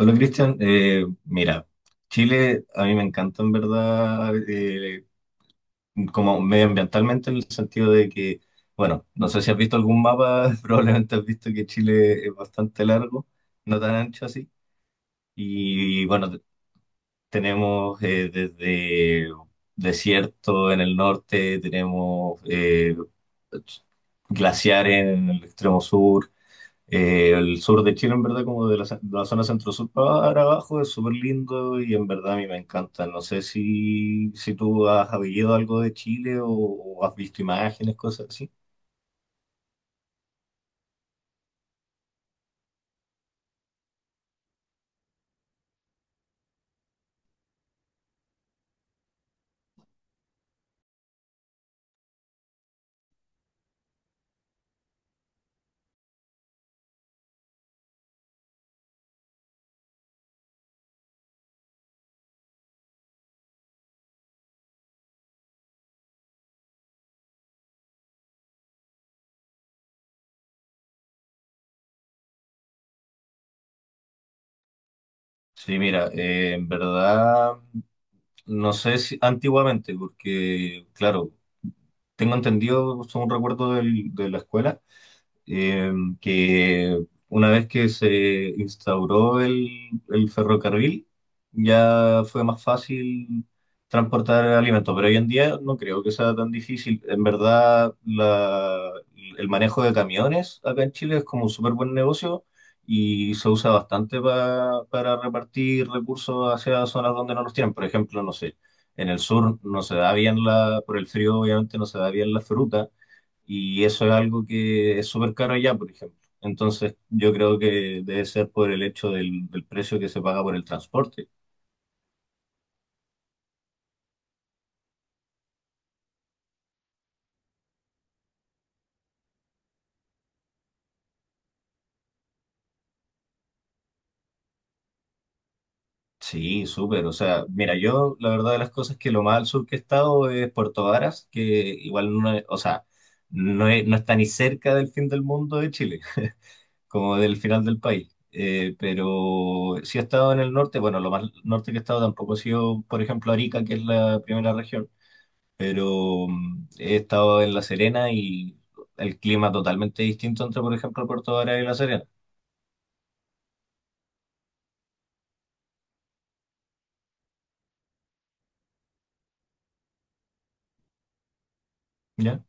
Hola Cristian. Mira, Chile a mí me encanta en verdad, como medioambientalmente, en el sentido de que, bueno, no sé si has visto algún mapa. Probablemente has visto que Chile es bastante largo, no tan ancho así, y bueno, tenemos, desde desierto en el norte, tenemos glaciares en el extremo sur. El sur de Chile, en verdad, como de de la zona centro-sur para abajo, es súper lindo y en verdad a mí me encanta. No sé si tú has habido algo de Chile o has visto imágenes, cosas así. Sí, mira, en verdad, no sé si antiguamente, porque, claro, tengo entendido, son un recuerdo de la escuela. eh, que una vez que se instauró el ferrocarril, ya fue más fácil transportar alimentos, pero hoy en día no creo que sea tan difícil. En verdad, el manejo de camiones acá en Chile es como un súper buen negocio y se usa bastante para repartir recursos hacia zonas donde no los tienen. Por ejemplo, no sé, en el sur no se da bien la, por el frío obviamente no se da bien la fruta, y eso es algo que es súper caro allá, por ejemplo. Entonces, yo creo que debe ser por el hecho del precio que se paga por el transporte. Sí, súper. O sea, mira, yo la verdad de las cosas es que lo más al sur que he estado es Puerto Varas, que igual o sea, no está ni cerca del fin del mundo de Chile, como del final del país. Pero sí he estado en el norte. Bueno, lo más norte que he estado tampoco ha sido, por ejemplo, Arica, que es la primera región, pero mm, he estado en La Serena, y el clima totalmente distinto entre, por ejemplo, Puerto Varas y La Serena. ¿Ya?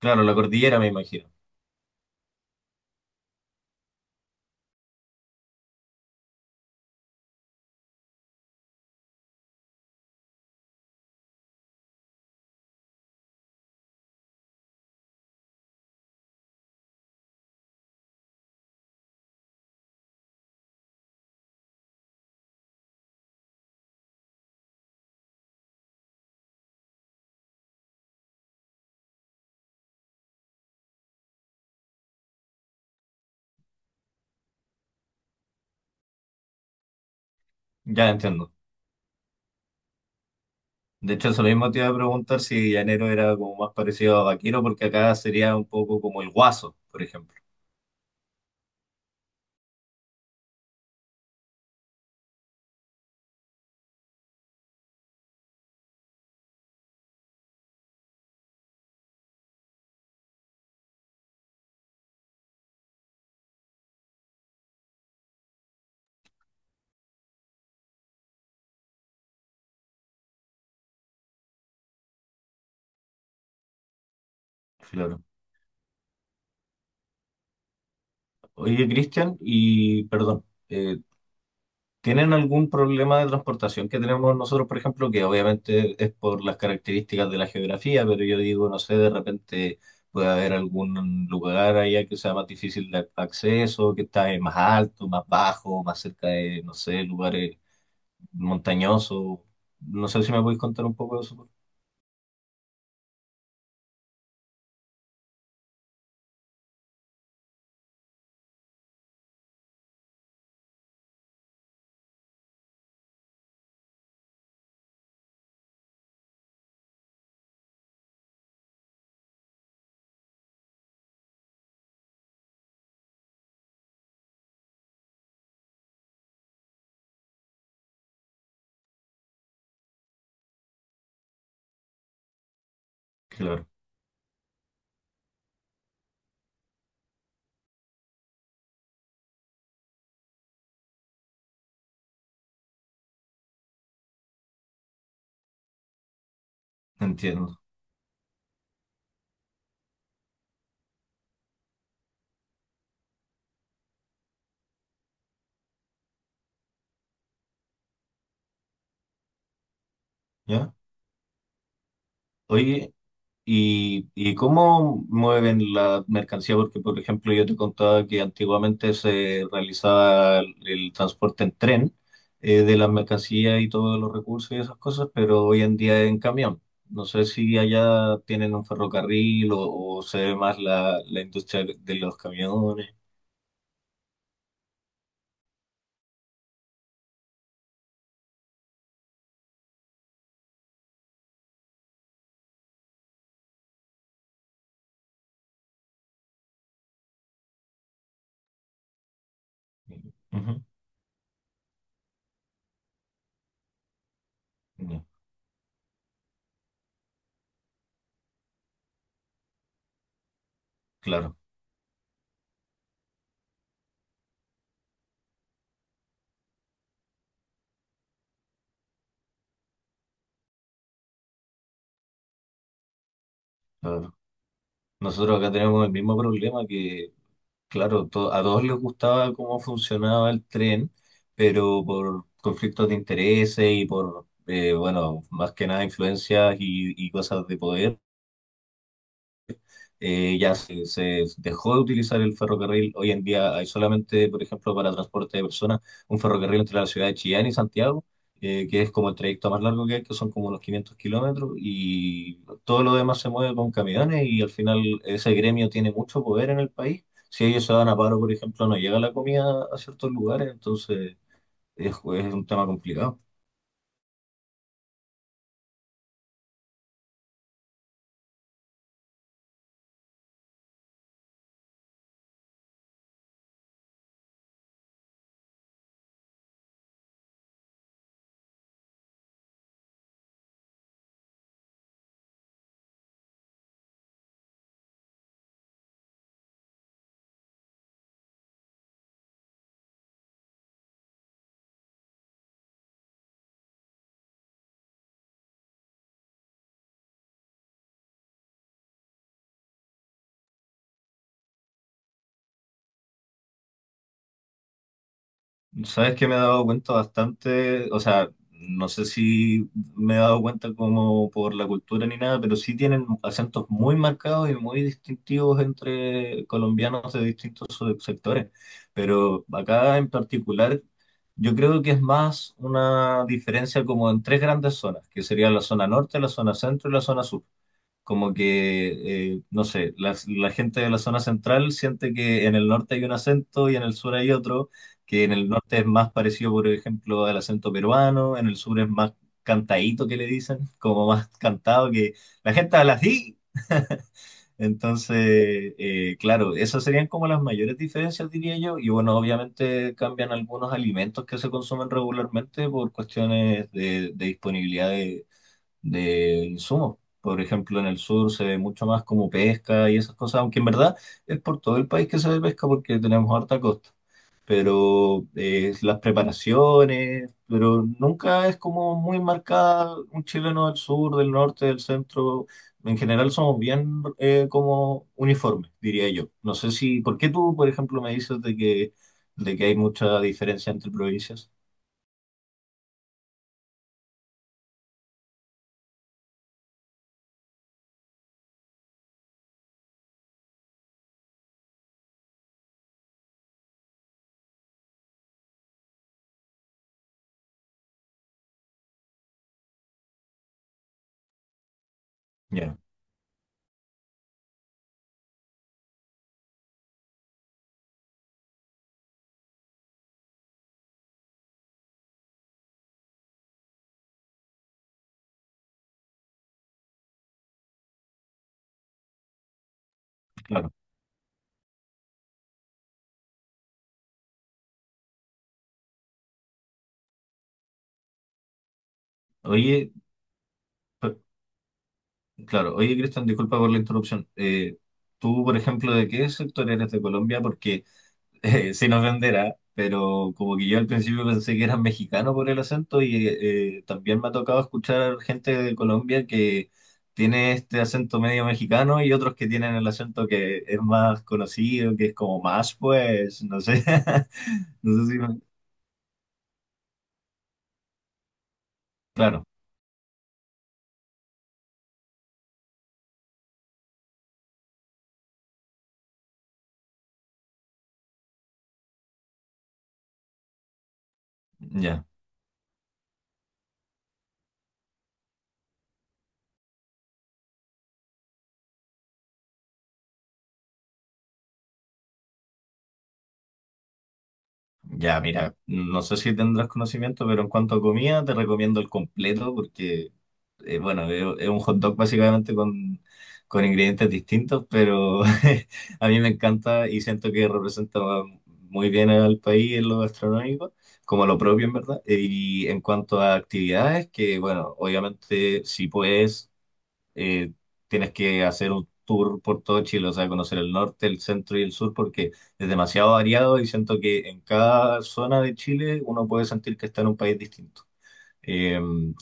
Claro, la cordillera, me imagino. Ya entiendo. De hecho, eso mismo te iba a preguntar, si llanero era como más parecido a vaquero, porque acá sería un poco como el guaso, por ejemplo. Claro. Oye, Cristian, y perdón, eh, ¿tienen algún problema de transportación que tenemos nosotros, por ejemplo, que obviamente es por las características de la geografía? Pero yo digo, no sé, de repente puede haber algún lugar allá que sea más difícil de acceso, que está más alto, más bajo, más cerca de, no sé, lugares montañosos. No sé si me podéis contar un poco de eso. Claro, entiendo. ¿Ya? Oye, ¿y, y cómo mueven la mercancía? Porque, por ejemplo, yo te contaba que antiguamente se realizaba el transporte en tren, de las mercancías y todos los recursos y esas cosas, pero hoy en día en camión. No sé si allá tienen un ferrocarril, o se ve más la industria de los camiones. Ujú. No, claro, claro. Nosotros acá tenemos el mismo problema que claro, a todos les gustaba cómo funcionaba el tren, pero por conflictos de intereses y por, bueno, más que nada influencias y cosas de poder, ya se dejó de utilizar el ferrocarril. Hoy en día hay solamente, por ejemplo, para transporte de personas, un ferrocarril entre la ciudad de Chillán y Santiago, que es como el trayecto más largo que hay, que son como unos 500 kilómetros, y todo lo demás se mueve con camiones, y al final ese gremio tiene mucho poder en el país. Si ellos se van a paro, por ejemplo, no llega la comida a ciertos lugares, entonces es un tema complicado. Sabes que me he dado cuenta bastante, o sea, no sé si me he dado cuenta como por la cultura ni nada, pero sí tienen acentos muy marcados y muy distintivos entre colombianos de distintos sectores. Pero acá en particular, yo creo que es más una diferencia como en tres grandes zonas, que sería la zona norte, la zona centro y la zona sur. Como que, no sé, la gente de la zona central siente que en el norte hay un acento y en el sur hay otro, que en el norte es más parecido, por ejemplo, al acento peruano, en el sur es más cantadito, que le dicen, como más cantado, que la gente habla así. Entonces, claro, esas serían como las mayores diferencias, diría yo. Y bueno, obviamente cambian algunos alimentos que se consumen regularmente por cuestiones de disponibilidad de insumos. Por ejemplo, en el sur se ve mucho más como pesca y esas cosas, aunque en verdad es por todo el país que se ve pesca, porque tenemos harta costa. Pero las preparaciones, pero nunca es como muy marcada un chileno del sur, del norte, del centro. En general somos bien como uniformes, diría yo. No sé si, ¿por qué tú, por ejemplo, me dices de que hay mucha diferencia entre provincias? Ya, claro. Oye, claro, oye, Cristian, disculpa por la interrupción. Tú, por ejemplo, ¿de qué sector eres de Colombia? Porque sin ofender, ¿ah? Pero como que yo al principio pensé que eras mexicano por el acento, y también me ha tocado escuchar gente de Colombia que tiene este acento medio mexicano y otros que tienen el acento que es más conocido, que es como más, pues, no sé, no sé si... me- Claro, ya. Ya, mira, no sé si tendrás conocimiento, pero en cuanto a comida, te recomiendo el completo, porque bueno, es un hot dog básicamente, con ingredientes distintos, pero a mí me encanta y siento que representa muy bien al país en lo gastronómico, como lo propio en verdad. Y en cuanto a actividades, que bueno, obviamente si puedes, eh, tienes que hacer un tour por todo Chile, o sea, conocer el norte, el centro y el sur, porque es demasiado variado y siento que en cada zona de Chile uno puede sentir que está en un país distinto. Eh,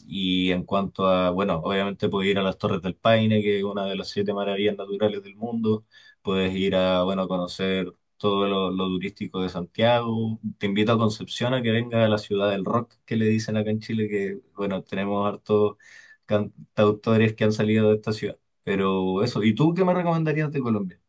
y en cuanto a, bueno, obviamente puedes ir a las Torres del Paine, que es una de las 7 maravillas naturales del mundo. Puedes ir a, bueno, conocer todo lo turístico de Santiago. Te invito a Concepción, a que venga a la ciudad del rock, que le dicen acá en Chile, que, bueno, tenemos hartos cantautores que han salido de esta ciudad. Pero eso, ¿y tú qué me recomendarías de Colombia?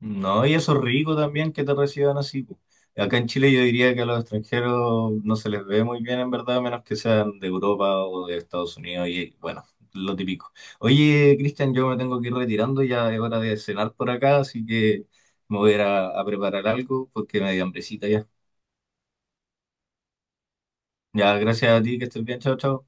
No, y eso es rico también, que te reciban así, po. Acá en Chile yo diría que a los extranjeros no se les ve muy bien, en verdad, a menos que sean de Europa o de Estados Unidos, y bueno, lo típico. Oye, Cristian, yo me tengo que ir retirando, ya es hora de cenar por acá, así que me voy a ir a preparar algo porque me dio hambrecita ya. Ya, gracias a ti, que estés bien, chao, chao.